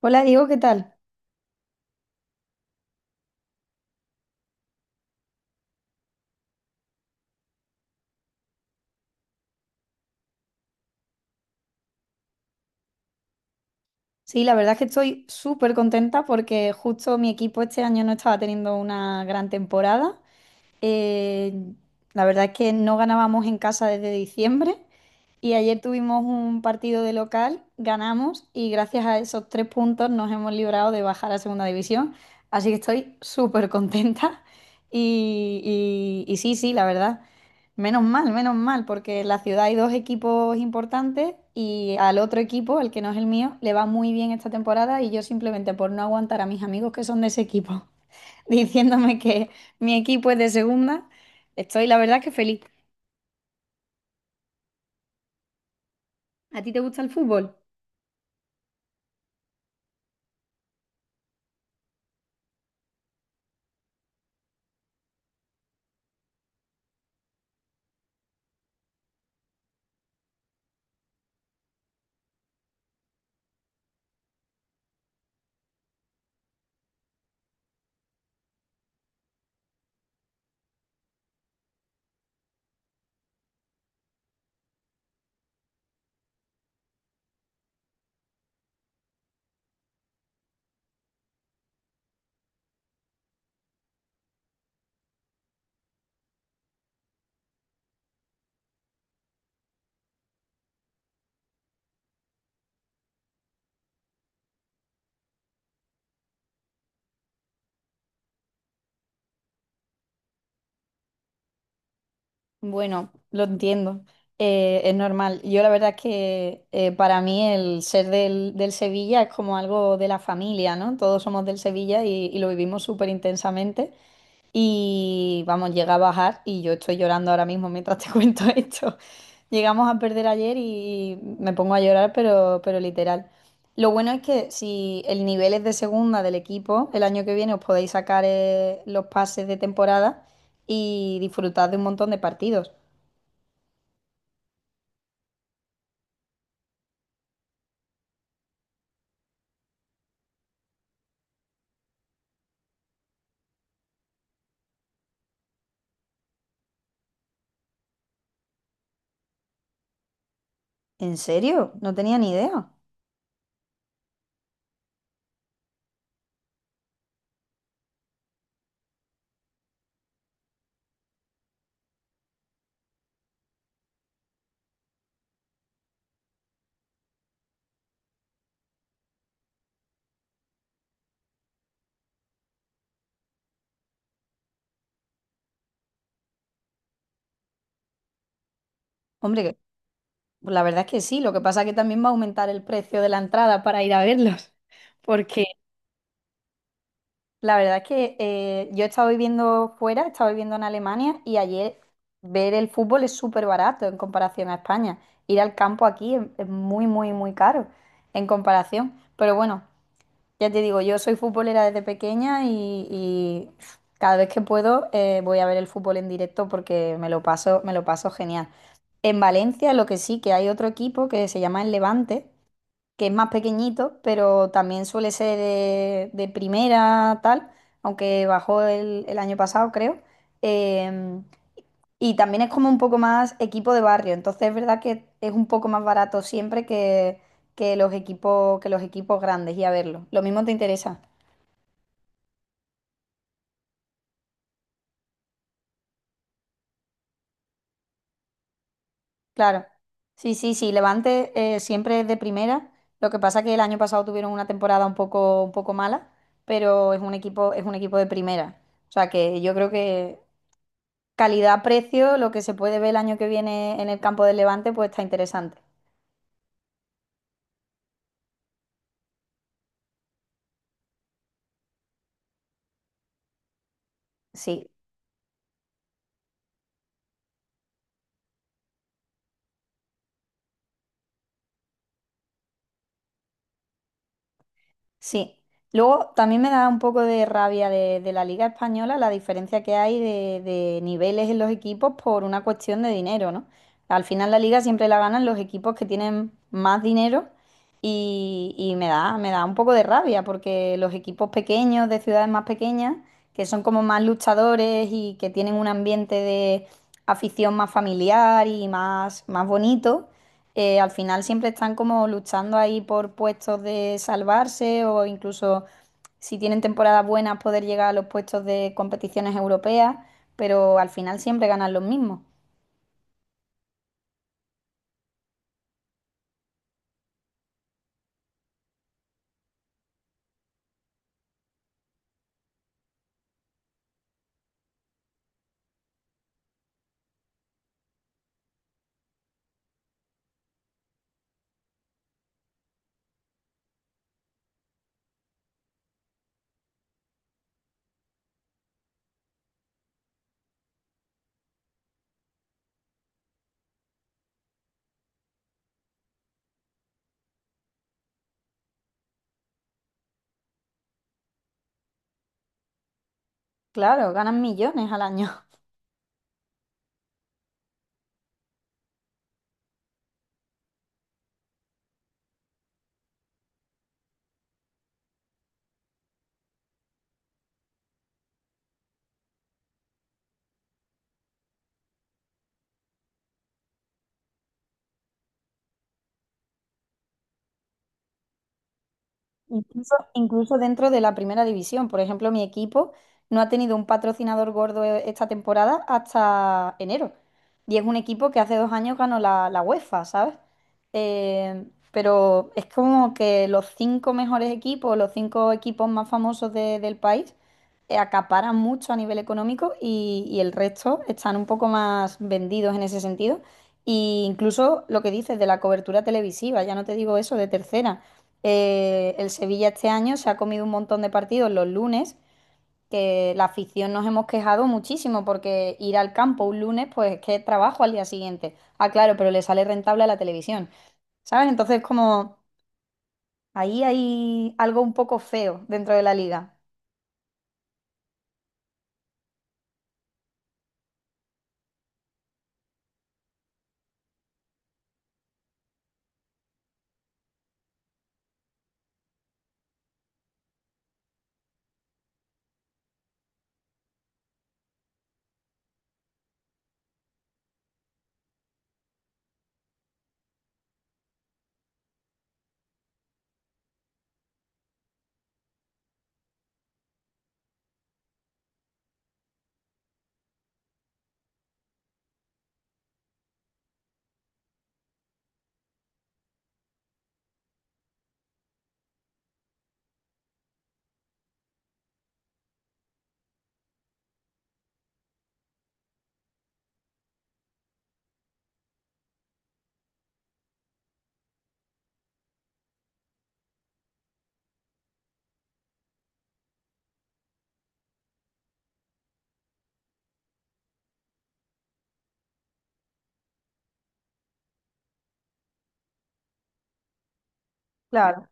Hola Diego, ¿qué tal? Sí, la verdad es que estoy súper contenta porque justo mi equipo este año no estaba teniendo una gran temporada. Eh, la verdad es que no ganábamos en casa desde diciembre. Y ayer tuvimos un partido de local, ganamos y gracias a esos tres puntos nos hemos librado de bajar a segunda división. Así que estoy súper contenta. Y sí, sí, la verdad. Menos mal, porque en la ciudad hay dos equipos importantes y al otro equipo, el que no es el mío, le va muy bien esta temporada y yo simplemente por no aguantar a mis amigos que son de ese equipo diciéndome que mi equipo es de segunda, estoy la verdad que feliz. ¿A ti te gusta el fútbol? Bueno, lo entiendo. Es normal. Yo la verdad es que para mí el ser del Sevilla es como algo de la familia, ¿no? Todos somos del Sevilla y lo vivimos súper intensamente. Y vamos, llega a bajar y yo estoy llorando ahora mismo mientras te cuento esto. Llegamos a perder ayer y me pongo a llorar, pero literal. Lo bueno es que si el nivel es de segunda del equipo, el año que viene os podéis sacar los pases de temporada y disfrutad de un montón de partidos. ¿En serio? No tenía ni idea. Hombre, pues la verdad es que sí, lo que pasa es que también va a aumentar el precio de la entrada para ir a verlos, porque la verdad es que yo he estado viviendo fuera, he estado viviendo en Alemania y ayer ver el fútbol es súper barato en comparación a España. Ir al campo aquí es muy, muy, muy caro en comparación. Pero bueno, ya te digo, yo soy futbolera desde pequeña y cada vez que puedo voy a ver el fútbol en directo porque me lo paso genial. En Valencia lo que sí, que hay otro equipo que se llama el Levante, que es más pequeñito, pero también suele ser de primera tal, aunque bajó el año pasado, creo. Em, y también es como un poco más equipo de barrio, entonces es verdad que es un poco más barato siempre que, que los equipos grandes y a verlo. Lo mismo te interesa. Claro, sí, sí, sí, Levante siempre es de primera. Lo que pasa que el año pasado tuvieron una temporada un poco mala, pero es un equipo de primera. O sea que yo creo que calidad-precio, lo que se puede ver el año que viene en el campo del Levante, pues está interesante. Sí. Sí. Luego también me da un poco de rabia de la Liga Española la diferencia que hay de niveles en los equipos por una cuestión de dinero, ¿no? Al final la liga siempre la ganan los equipos que tienen más dinero y me da un poco de rabia porque los equipos pequeños de ciudades más pequeñas, que son como más luchadores y que tienen un ambiente de afición más familiar y más, más bonito, al final siempre están como luchando ahí por puestos de salvarse o incluso si tienen temporadas buenas poder llegar a los puestos de competiciones europeas, pero al final siempre ganan los mismos. Claro, ganan millones al año. Incluso, incluso dentro de la primera división. Por ejemplo, mi equipo no ha tenido un patrocinador gordo esta temporada hasta enero. Y es un equipo que hace 2 años ganó la UEFA, ¿sabes? Eh, pero es como que los cinco mejores equipos, los cinco equipos más famosos del país, acaparan mucho a nivel económico y el resto están un poco más vendidos en ese sentido. Y incluso lo que dices de la cobertura televisiva, ya no te digo eso de tercera. El Sevilla este año se ha comido un montón de partidos los lunes, que la afición nos hemos quejado muchísimo porque ir al campo un lunes, pues es que es trabajo al día siguiente. Ah, claro, pero le sale rentable a la televisión, ¿sabes? Entonces como ahí hay algo un poco feo dentro de la liga. Claro.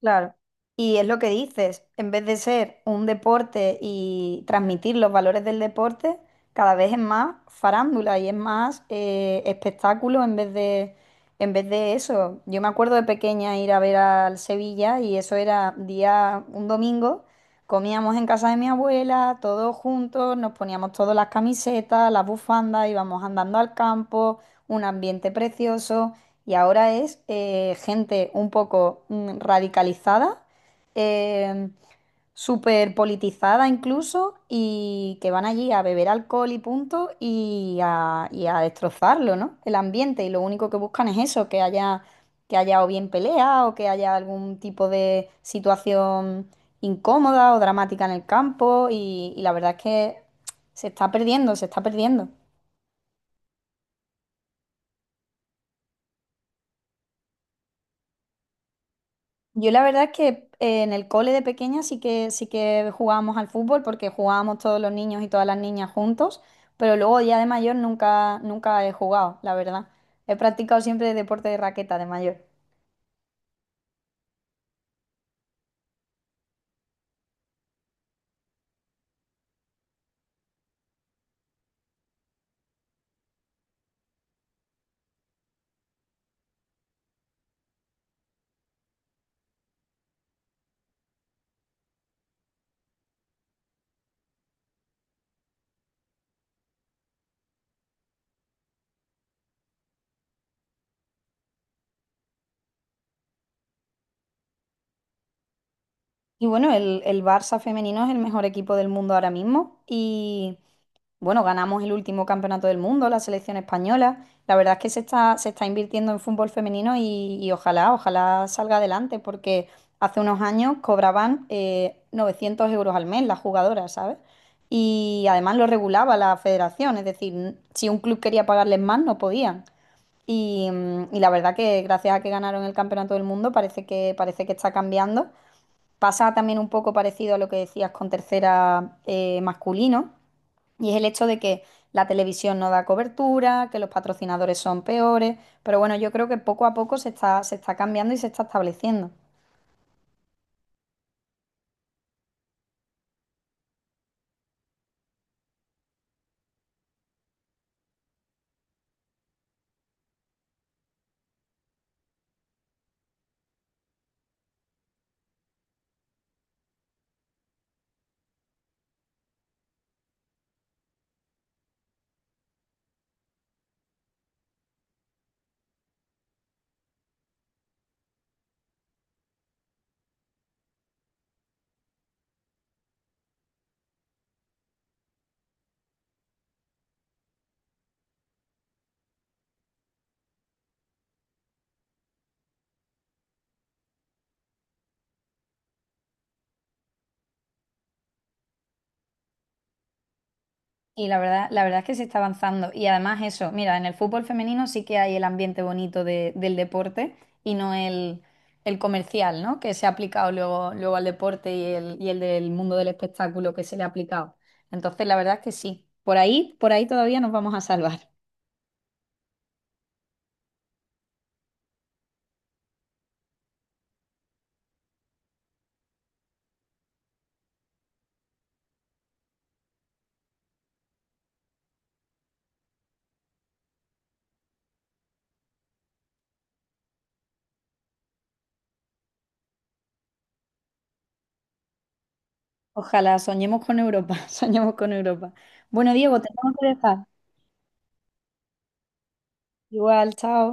Claro. Y es lo que dices, en vez de ser un deporte y transmitir los valores del deporte, cada vez es más farándula y es más espectáculo en vez de, eso. Yo me acuerdo de pequeña ir a ver al Sevilla y eso era día, un domingo, comíamos en casa de mi abuela, todos juntos, nos poníamos todas las camisetas, las bufandas, íbamos andando al campo, un ambiente precioso. Y ahora es gente un poco radicalizada, eh, súper politizada incluso, y que van allí a beber alcohol y punto y a destrozarlo, ¿no? El ambiente. Y lo único que buscan es eso, que haya o bien pelea o que haya algún tipo de situación incómoda o dramática en el campo. Y la verdad es que se está perdiendo, se está perdiendo. Yo la verdad es que en el cole de pequeña sí que jugábamos al fútbol porque jugábamos todos los niños y todas las niñas juntos, pero luego ya de mayor nunca nunca he jugado, la verdad. He practicado siempre deporte de raqueta de mayor. Y bueno, el Barça femenino es el mejor equipo del mundo ahora mismo y bueno, ganamos el último campeonato del mundo, la selección española. La verdad es que se está invirtiendo en fútbol femenino y ojalá, ojalá salga adelante, porque hace unos años cobraban 900 euros al mes las jugadoras, ¿sabes? Y además lo regulaba la federación, es decir, si un club quería pagarles más, no podían. Y la verdad que gracias a que ganaron el campeonato del mundo, parece que está cambiando. Pasa también un poco parecido a lo que decías con tercera, masculino, y es el hecho de que la televisión no da cobertura, que los patrocinadores son peores, pero bueno, yo creo que poco a poco se está cambiando y se está estableciendo. Y la verdad es que se está avanzando. Y además eso, mira, en el fútbol femenino sí que hay el ambiente bonito del deporte y no el comercial, ¿no? Que se ha aplicado luego al deporte y el del mundo del espectáculo que se le ha aplicado. Entonces, la verdad es que sí. Por ahí todavía nos vamos a salvar. Ojalá, soñemos con Europa, soñemos con Europa. Bueno, Diego, tenemos que dejar. Igual, chao.